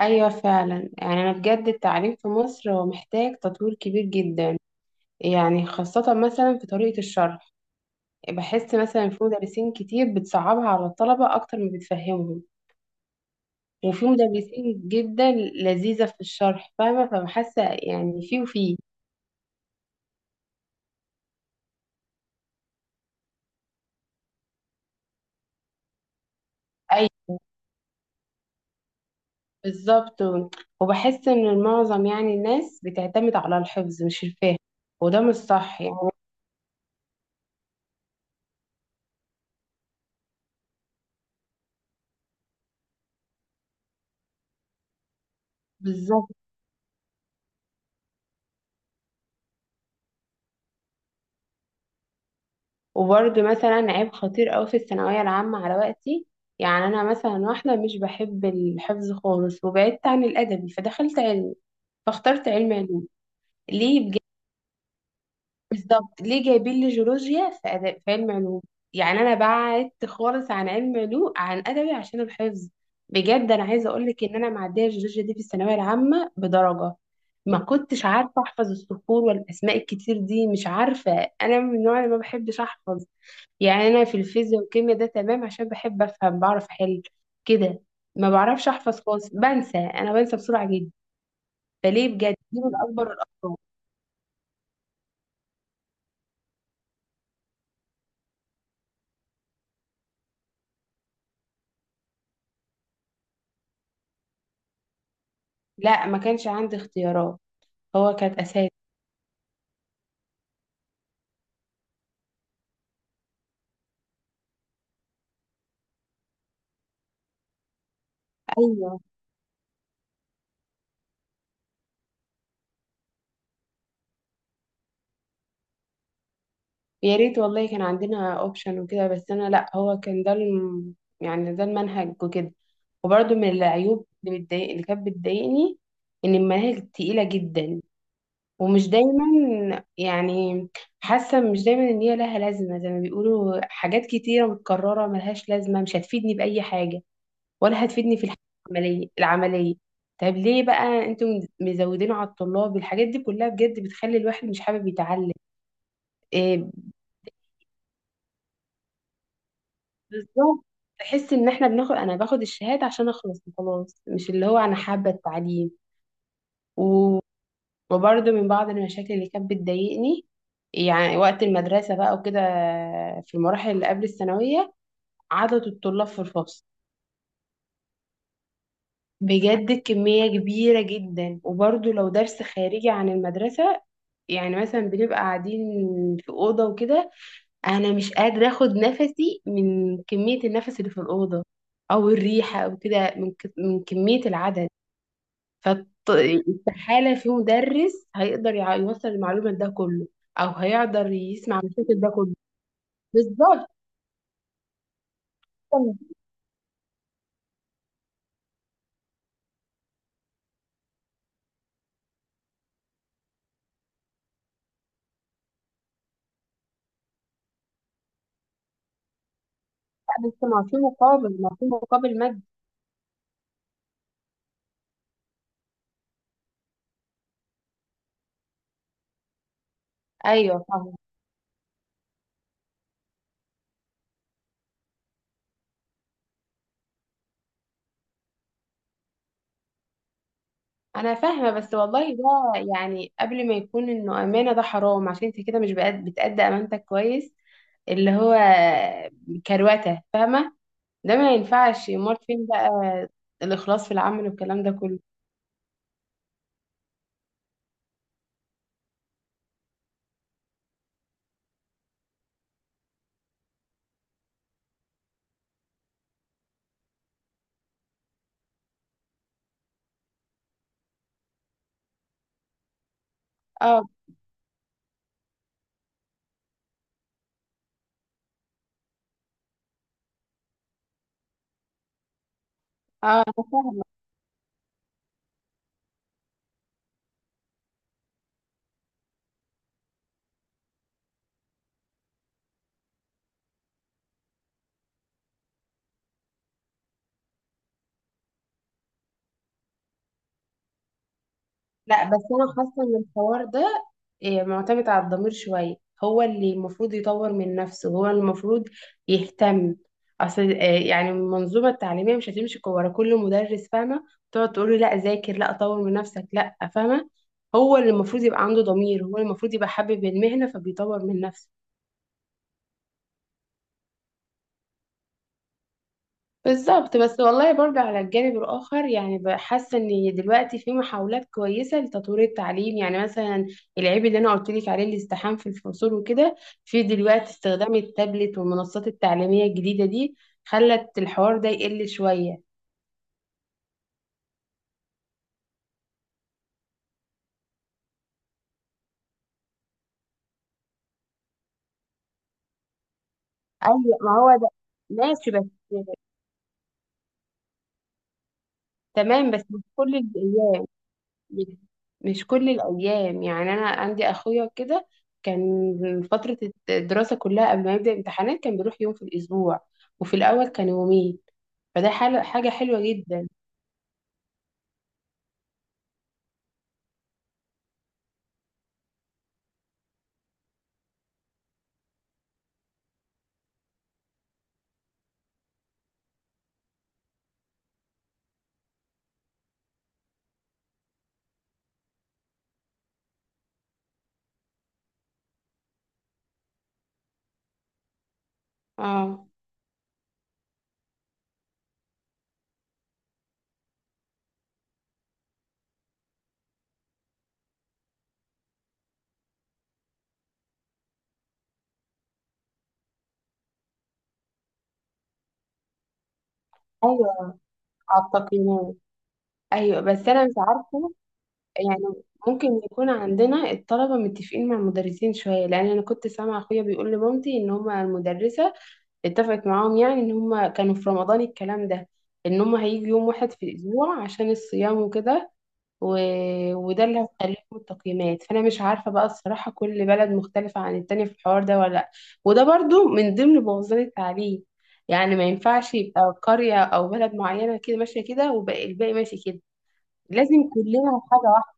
أيوة، فعلا يعني أنا بجد التعليم في مصر هو محتاج تطوير كبير جدا. يعني خاصة مثلا في طريقة الشرح. بحس مثلا في مدرسين كتير بتصعبها على الطلبة أكتر ما بتفهمهم. وفي مدرسين جدا لذيذة في الشرح فاهمة. فبحس يعني في وفي أيوة، بالظبط. وبحس إن المعظم يعني الناس بتعتمد على الحفظ مش الفهم، وده مش صح يعني. بالظبط. وبرضه مثلا عيب خطير أوي في الثانوية العامة على وقتي. يعني أنا مثلا واحدة مش بحب الحفظ خالص، وبعدت عن الأدبي فدخلت علمي، فاخترت علم علوم. ليه؟ بالظبط، ليه جايبين لي جيولوجيا في أدب في علم علوم؟ يعني انا بعدت خالص عن علم علوم عن ادبي عشان الحفظ. بجد انا عايزه اقول لك ان انا معديه الجيولوجيا دي في الثانويه العامه بدرجه. ما كنتش عارفه احفظ الصخور والاسماء الكتير دي، مش عارفه. انا من النوع اللي ما بحبش احفظ. يعني انا في الفيزياء والكيمياء ده تمام عشان بحب افهم، بعرف احل كده. ما بعرفش احفظ خالص، بنسى، انا بنسى بسرعه جدا. فليه بجد دي من اكبر لا، ما كانش عندي اختيارات. هو كانت اساس. ايوه. يا ريت والله كان عندنا اوبشن وكده، بس انا لا هو كان ده يعني ده المنهج وكده. وبرده من العيوب اللي كانت بتضايقني ان المناهج تقيله جدا. ومش دايما يعني حاسه مش دايما ان هي لها لازمه، زي ما بيقولوا حاجات كتيره متكرره ملهاش لازمه، مش هتفيدني باي حاجه ولا هتفيدني في الحياه العمليه طب ليه بقى انتم مزودين على الطلاب الحاجات دي كلها؟ بجد بتخلي الواحد مش حابب يتعلم. آه، بالظبط. بحس ان احنا بناخد انا باخد الشهاده عشان اخلص وخلاص مش اللي هو انا حابه التعليم. و- وبرضه من بعض المشاكل اللي كانت بتضايقني يعني وقت المدرسه بقى وكده في المراحل اللي قبل الثانويه، عدد الطلاب في الفصل بجد كميه كبيره جدا. وبرضه لو درس خارجي عن المدرسه، يعني مثلا بنبقى قاعدين في اوضه وكده، انا مش قادره اخد نفسي من كميه النفس اللي في الاوضه، او الريحه او كده، من كميه العدد. فاستحاله في مدرس هيقدر يوصل المعلومه ده كله، او هيقدر يسمع المشاكل ده كله. بالظبط. لا، بس ما في مقابل مادي. ايوه، فاهمه. انا فاهمه، بس والله ده يعني قبل ما يكون انه امانه، ده حرام عشان انت كده مش بقد- بتأدي امانتك كويس، اللي هو كروته فاهمه. ده ما ينفعش، امال فين بقى الاخلاص في العمل والكلام ده كله؟ اه. اه، أنا فاهمة. لا، بس انا حاسه ان الحوار ده معتمد على الضمير شويه. هو اللي المفروض يطور من نفسه، هو المفروض يهتم. اصل يعني المنظومه التعليميه مش هتمشي ورا كل مدرس فاهمه، تقعد تقول له لا ذاكر لا طور من نفسك لا فاهمه. هو اللي المفروض يبقى عنده ضمير، هو المفروض يبقى حابب المهنه فبيطور من نفسه. بالظبط. بس والله برضه على الجانب الآخر يعني بحس إن دلوقتي في محاولات كويسة لتطوير التعليم. يعني مثلا العيب اللي أنا قلت لك عليه الازدحام في الفصول وكده، في دلوقتي استخدام التابلت والمنصات التعليمية الجديدة دي خلت الحوار ده يقل شوية. أيوة، ما هو ده ماشي. بس تمام بس مش مش كل الأيام. يعني أنا عندي أخويا كده كان فترة الدراسة كلها قبل ما يبدأ الامتحانات كان بيروح يوم في الأسبوع، وفي الأول كان يومين. فده حاجة حلوة جدا. اه. أيوة، على التقييمات. أيوة، بس أنا مش عارفة يعني ممكن يكون عندنا الطلبة متفقين مع المدرسين شوية، لأن أنا كنت سامعة أخويا بيقول لمامتي إن هما المدرسة اتفقت معاهم يعني إن هما كانوا في رمضان الكلام ده إن هما هيجوا يوم واحد في الأسبوع عشان الصيام وكده. و... وده اللي هيخليهم التقييمات، فانا مش عارفه بقى الصراحه كل بلد مختلفه عن التانية في الحوار ده ولا لأ. وده برضو من ضمن بوظان التعليم يعني ما ينفعش يبقى قريه او بلد معينه كده ماشيه كده والباقي ماشي كده، لازم كلنا حاجه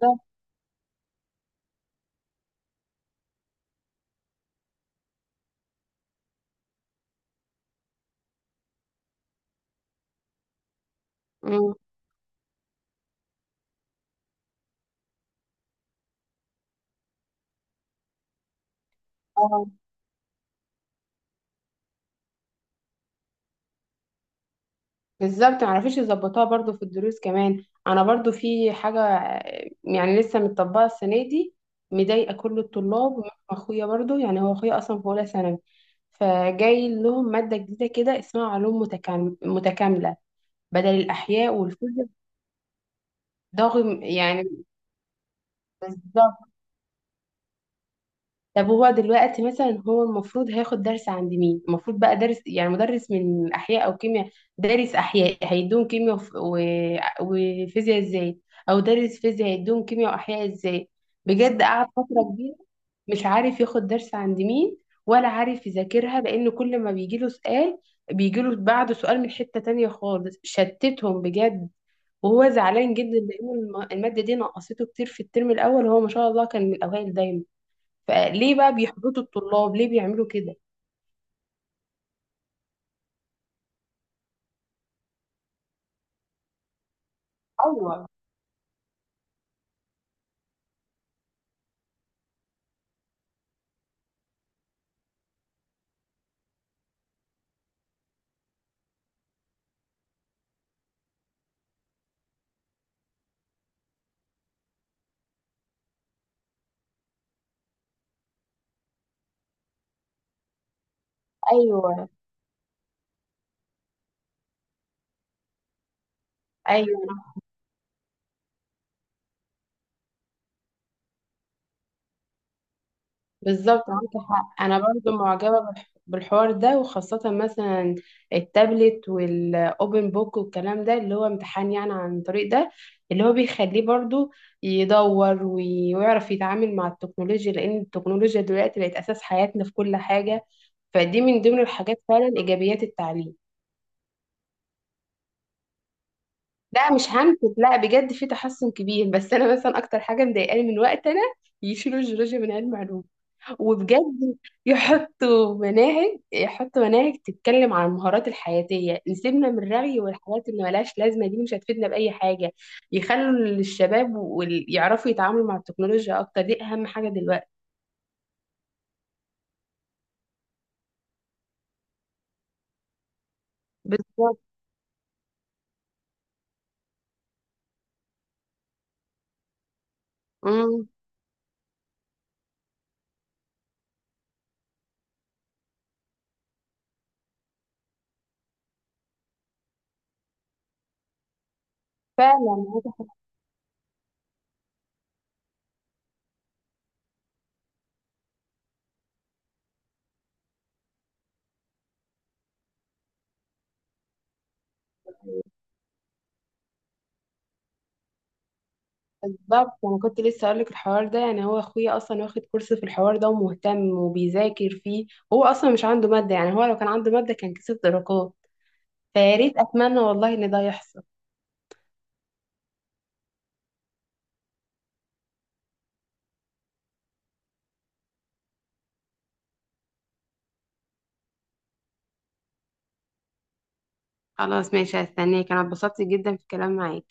واحده. مم. آه. بالظبط، معرفيش يظبطوها. برضو في الدروس كمان انا برضو في حاجه يعني لسه متطبقه السنه دي مضايقه كل الطلاب. واخويا برضو يعني هو اخويا اصلا في اولى ثانوي، فجاي لهم ماده جديده كده اسمها علوم متكامله بدل الاحياء والفيزياء. ضاغم يعني. بالظبط. طب هو دلوقتي مثلا هو المفروض هياخد درس عند مين؟ المفروض بقى درس يعني مدرس من احياء او كيمياء. دارس احياء هيدوم كيمياء وفيزياء ازاي؟ او دارس فيزياء هيدوم كيمياء واحياء ازاي؟ بجد قعد فترة كبيرة مش عارف ياخد درس عند مين، ولا عارف يذاكرها لان كل ما بيجيله سؤال بيجيله بعده سؤال من حتة تانية خالص، شتتهم بجد. وهو زعلان جدا لان المادة دي نقصته كتير في الترم الاول، هو ما شاء الله كان من الاوائل دايما. فليه بقى بيحبطوا الطلاب؟ ليه بيعملوا كده؟ ايوه، ايوه، ايوه. بالظبط، معاك حق. انا برضو معجبه بالحوار ده، وخاصه مثلا التابلت والاوبن بوك والكلام ده اللي هو امتحان يعني عن طريق ده اللي هو بيخليه برضو يدور ويعرف يتعامل مع التكنولوجيا، لان التكنولوجيا دلوقتي بقت اساس حياتنا في كل حاجه. فدي من ضمن الحاجات فعلا ايجابيات التعليم. لا مش هنكت، لا بجد في تحسن كبير. بس انا مثلا اكتر حاجه مضايقاني من وقت انا يشيلوا الجيولوجيا من علم علوم، وبجد يحطوا مناهج، يحطوا مناهج تتكلم عن المهارات الحياتيه، نسيبنا من الرغي والحاجات اللي ملهاش لازمه دي مش هتفيدنا باي حاجه. يخلوا الشباب ويعرفوا يتعاملوا مع التكنولوجيا اكتر، دي اهم حاجه دلوقتي. بالظبط. امم. فعلا. بالظبط انا كنت لسه اقول لك الحوار ده، يعني هو اخويا اصلا واخد كورس في الحوار ده ومهتم وبيذاكر فيه، هو اصلا مش عنده ماده، يعني هو لو كان عنده ماده كان كسب درجات. فيا ريت، اتمنى والله ان ده يحصل. خلاص ماشي، هستناك. انا اتبسطت جدا في الكلام معاك.